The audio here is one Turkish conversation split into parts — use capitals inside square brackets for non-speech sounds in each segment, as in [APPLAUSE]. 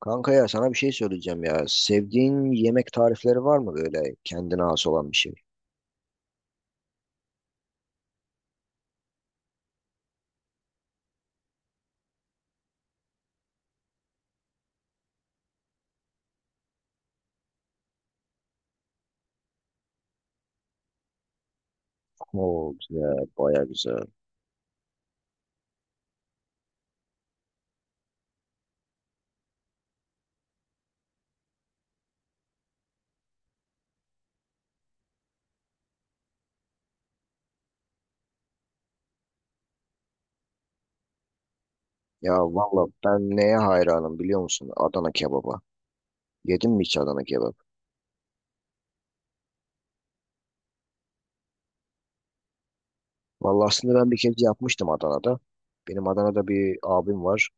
Kanka ya sana bir şey söyleyeceğim ya. Sevdiğin yemek tarifleri var mı böyle kendine has olan bir şey? Oo güzel, baya güzel. Ya valla ben neye hayranım biliyor musun? Adana kebaba. Yedin mi hiç Adana kebap? Valla aslında ben bir kez yapmıştım Adana'da. Benim Adana'da bir abim var.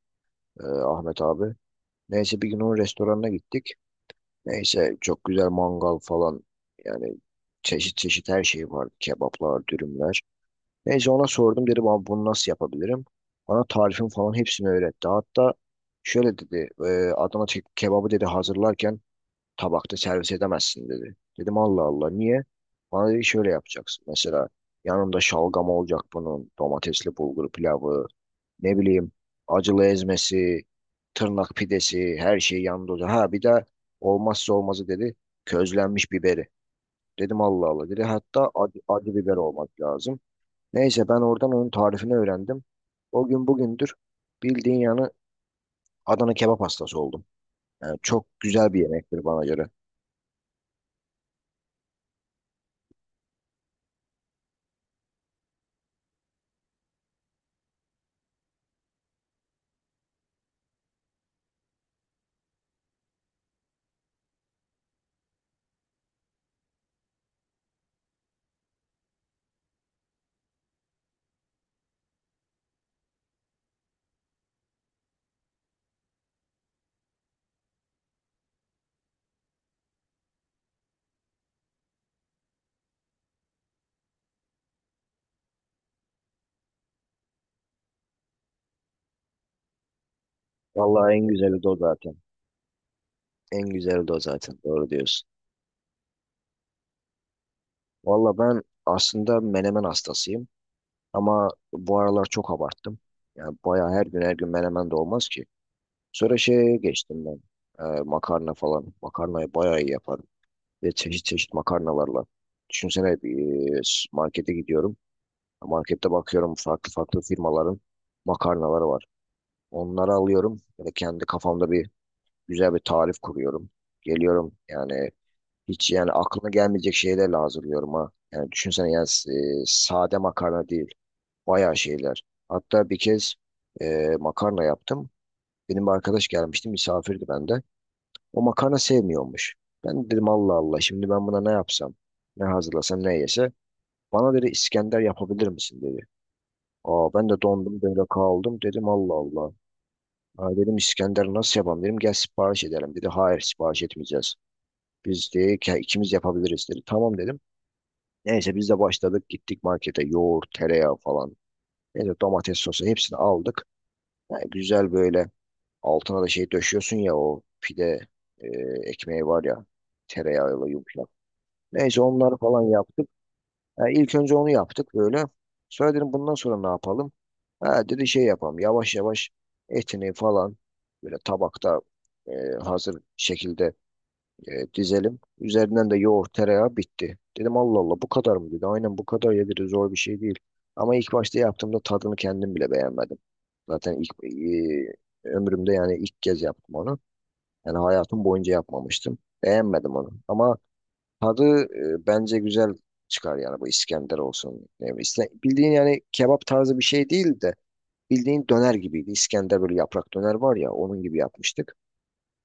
Ahmet abi. Neyse bir gün onun restoranına gittik. Neyse çok güzel mangal falan. Yani çeşit çeşit her şey vardı. Kebaplar, dürümler. Neyse ona sordum, dedim abi bunu nasıl yapabilirim? Bana tarifin falan hepsini öğretti. Hatta şöyle dedi, kebabı dedi hazırlarken tabakta servis edemezsin dedi. Dedim Allah Allah niye? Bana dedi şöyle yapacaksın. Mesela yanında şalgam olacak, bunun domatesli bulgur pilavı, ne bileyim, acılı ezmesi, tırnak pidesi, her şey yanında olacak. Ha bir de olmazsa olmazı dedi, közlenmiş biberi. Dedim Allah Allah, dedi hatta acı, acı biber olmak lazım. Neyse ben oradan onun tarifini öğrendim. O gün bugündür bildiğin yani Adana kebap hastası oldum. Yani çok güzel bir yemektir bana göre. Vallahi en güzeli de o zaten. En güzeli de o zaten. Doğru diyorsun. Vallahi ben aslında menemen hastasıyım. Ama bu aralar çok abarttım. Yani bayağı her gün her gün menemen de olmaz ki. Sonra şeye geçtim ben. Makarna falan. Makarnayı bayağı iyi yaparım. Ve çeşit çeşit makarnalarla. Düşünsene, markete gidiyorum. Markette bakıyorum, farklı farklı firmaların makarnaları var. Onları alıyorum ve kendi kafamda bir güzel bir tarif kuruyorum. Geliyorum, yani hiç yani aklına gelmeyecek şeylerle hazırlıyorum ha. Yani düşünsene, yani sade makarna değil. Bayağı şeyler. Hatta bir kez makarna yaptım. Benim bir arkadaş gelmişti, misafirdi bende. O makarna sevmiyormuş. Ben dedim Allah Allah, şimdi ben buna ne yapsam? Ne hazırlasam, ne yese? Bana dedi İskender yapabilir misin dedi. Aa, ben de dondum böyle kaldım, dedim Allah Allah. Ha, dedim İskender nasıl yapalım, dedim gel sipariş edelim dedi. Hayır sipariş etmeyeceğiz. Biz de ikimiz yapabiliriz dedi. Tamam dedim. Neyse biz de başladık, gittik markete, yoğurt, tereyağı falan. Neyse domates sosu hepsini aldık. Ha, güzel böyle altına da şey döşüyorsun ya, o pide e, ekmeği var ya, tereyağıyla yumuşak. Neyse onları falan yaptık. E, ilk önce onu yaptık böyle. Sonra dedim bundan sonra ne yapalım? Ha, dedi şey yapalım. Yavaş yavaş etini falan böyle tabakta, e, hazır şekilde, dizelim. Üzerinden de yoğurt, tereyağı bitti. Dedim Allah Allah bu kadar mı, dedi. Aynen bu kadar ya dedi. Zor bir şey değil. Ama ilk başta yaptığımda tadını kendim bile beğenmedim. Zaten ilk, ömrümde yani ilk kez yaptım onu. Yani hayatım boyunca yapmamıştım. Beğenmedim onu. Ama tadı bence güzel çıkar yani, bu İskender olsun. Ne bileyim, bildiğin yani kebap tarzı bir şey değil de bildiğin döner gibiydi. İskender böyle yaprak döner var ya, onun gibi yapmıştık.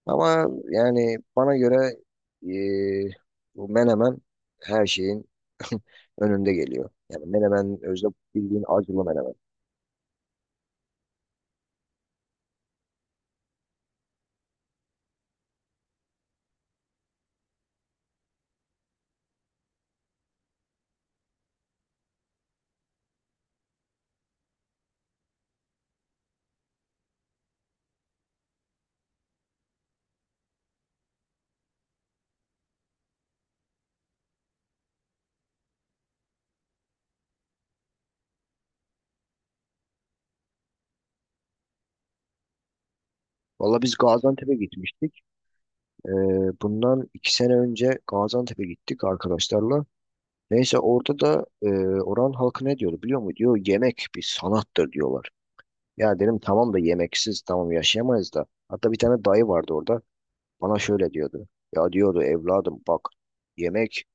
Ama yani bana göre e, bu menemen her şeyin [LAUGHS] önünde geliyor. Yani menemen özde bildiğin acılı menemen. Valla biz Gaziantep'e gitmiştik. E, bundan iki sene önce Gaziantep'e gittik arkadaşlarla. Neyse orada da oranın halkı ne diyordu biliyor musun? Diyor yemek bir sanattır diyorlar. Ya dedim tamam da yemeksiz tamam yaşayamayız da. Hatta bir tane dayı vardı orada. Bana şöyle diyordu. Ya diyordu, evladım bak, yemek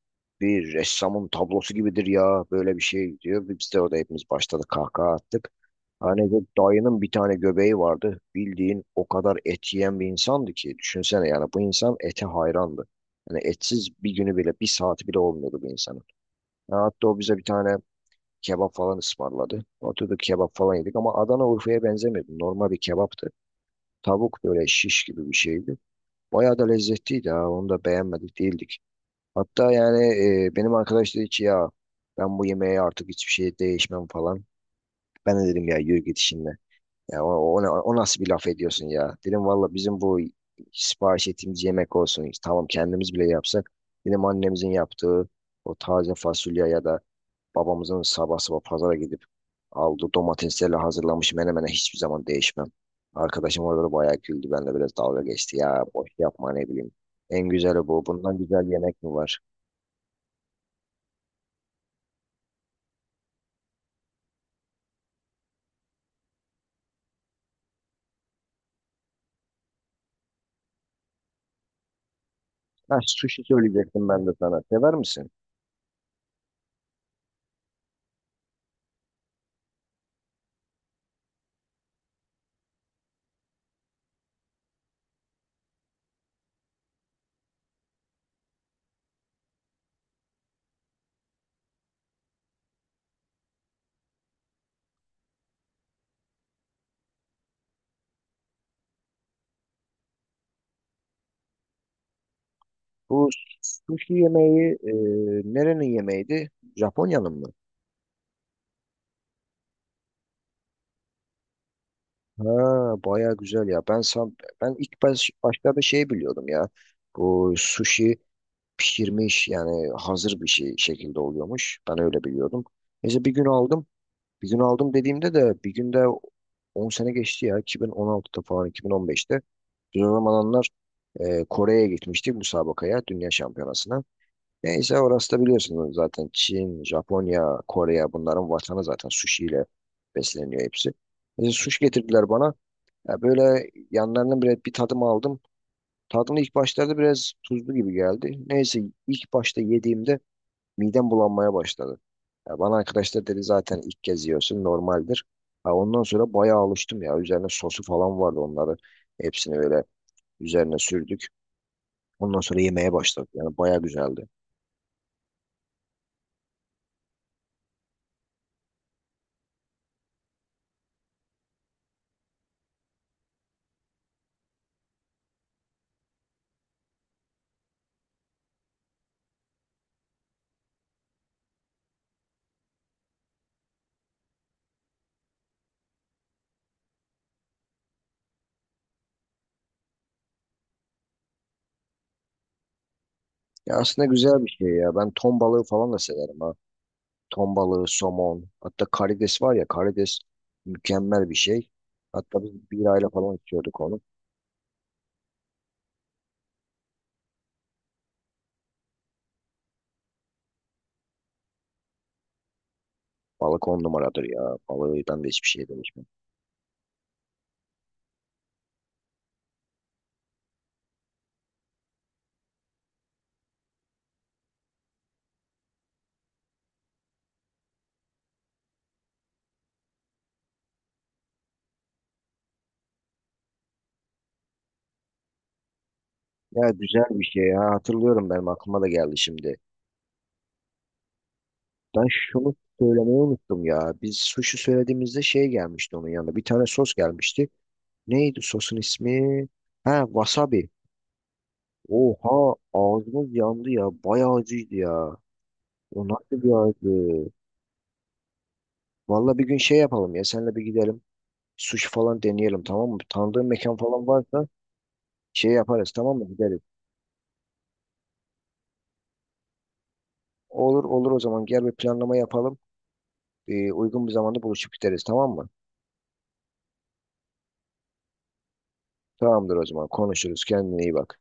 bir ressamın tablosu gibidir ya, böyle bir şey diyor. Biz de orada hepimiz başladık kahkaha attık. Hani bu dayının bir tane göbeği vardı. Bildiğin o kadar et yiyen bir insandı ki. Düşünsene yani, bu insan ete hayrandı. Yani etsiz bir günü bile, bir saati bile olmuyordu bu insanın. Ya hatta o bize bir tane kebap falan ısmarladı. Oturduk kebap falan yedik ama Adana Urfa'ya benzemiyordu. Normal bir kebaptı. Tavuk böyle şiş gibi bir şeydi. Bayağı da lezzetliydi ha. Onu da beğenmedik değildik. Hatta yani, benim arkadaş dedi ki ya, ben bu yemeğe artık hiçbir şey değişmem falan. Ben de dedim ya yürü git şimdi. Ya o, O nasıl bir laf ediyorsun ya? Dedim valla bizim bu sipariş ettiğimiz yemek olsun. Tamam kendimiz bile yapsak. Dedim annemizin yaptığı o taze fasulye ya da babamızın sabah sabah pazara gidip aldığı domateslerle hazırlamış menemene hiçbir zaman değişmem. Arkadaşım orada da bayağı güldü. Benle biraz dalga geçti. Ya boş yapma, ne bileyim. En güzeli bu. Bundan güzel yemek mi var? Ha sushi söyleyecektim ben de sana. Sever misin? Bu sushi yemeği nerenin yemeğiydi? Japonya'nın mı? Ha bayağı güzel ya. Ben başlarda şey biliyordum ya. Bu sushi pişirmiş yani hazır bir şey şekilde oluyormuş. Ben öyle biliyordum. Neyse bir gün aldım. Bir gün aldım dediğimde de, bir günde 10 sene geçti ya, 2016'da falan, 2015'te. Biz o zamanlar Kore'ye gitmiştik müsabakaya, dünya şampiyonasına. Neyse orası da biliyorsunuz zaten, Çin, Japonya, Kore, bunların vatanı zaten, sushi ile besleniyor hepsi. Neyse sushi getirdiler bana. Ya böyle yanlarının bile bir tadım aldım. Tadını ilk başlarda biraz tuzlu gibi geldi. Neyse ilk başta yediğimde midem bulanmaya başladı. Ya bana arkadaşlar dedi zaten ilk kez yiyorsun normaldir. Ha, ondan sonra bayağı alıştım ya. Üzerine sosu falan vardı onları. Hepsini böyle üzerine sürdük. Ondan sonra yemeye başladık. Yani bayağı güzeldi. Ya aslında güzel bir şey ya. Ben ton balığı falan da severim ha. Ton balığı, somon. Hatta karides var ya, karides mükemmel bir şey. Hatta biz birayla falan içiyorduk onu. Balık on numaradır ya. Balığından da hiçbir şey demiştim. Ya güzel bir şey ya. Hatırlıyorum, benim aklıma da geldi şimdi. Ben şunu söylemeyi unuttum ya. Biz sushi söylediğimizde şey gelmişti onun yanında. Bir tane sos gelmişti. Neydi sosun ismi? Ha, wasabi. Oha, ağzımız yandı ya. Bayağı acıydı ya. O nasıl bir acı? Valla bir gün şey yapalım ya. Seninle bir gidelim. Sushi falan deneyelim tamam mı? Tanıdığın mekan falan varsa şey yaparız tamam mı? Gideriz. Olur olur, o zaman gel bir planlama yapalım. Uygun bir zamanda buluşup gideriz tamam mı? Tamamdır, o zaman konuşuruz. Kendine iyi bak.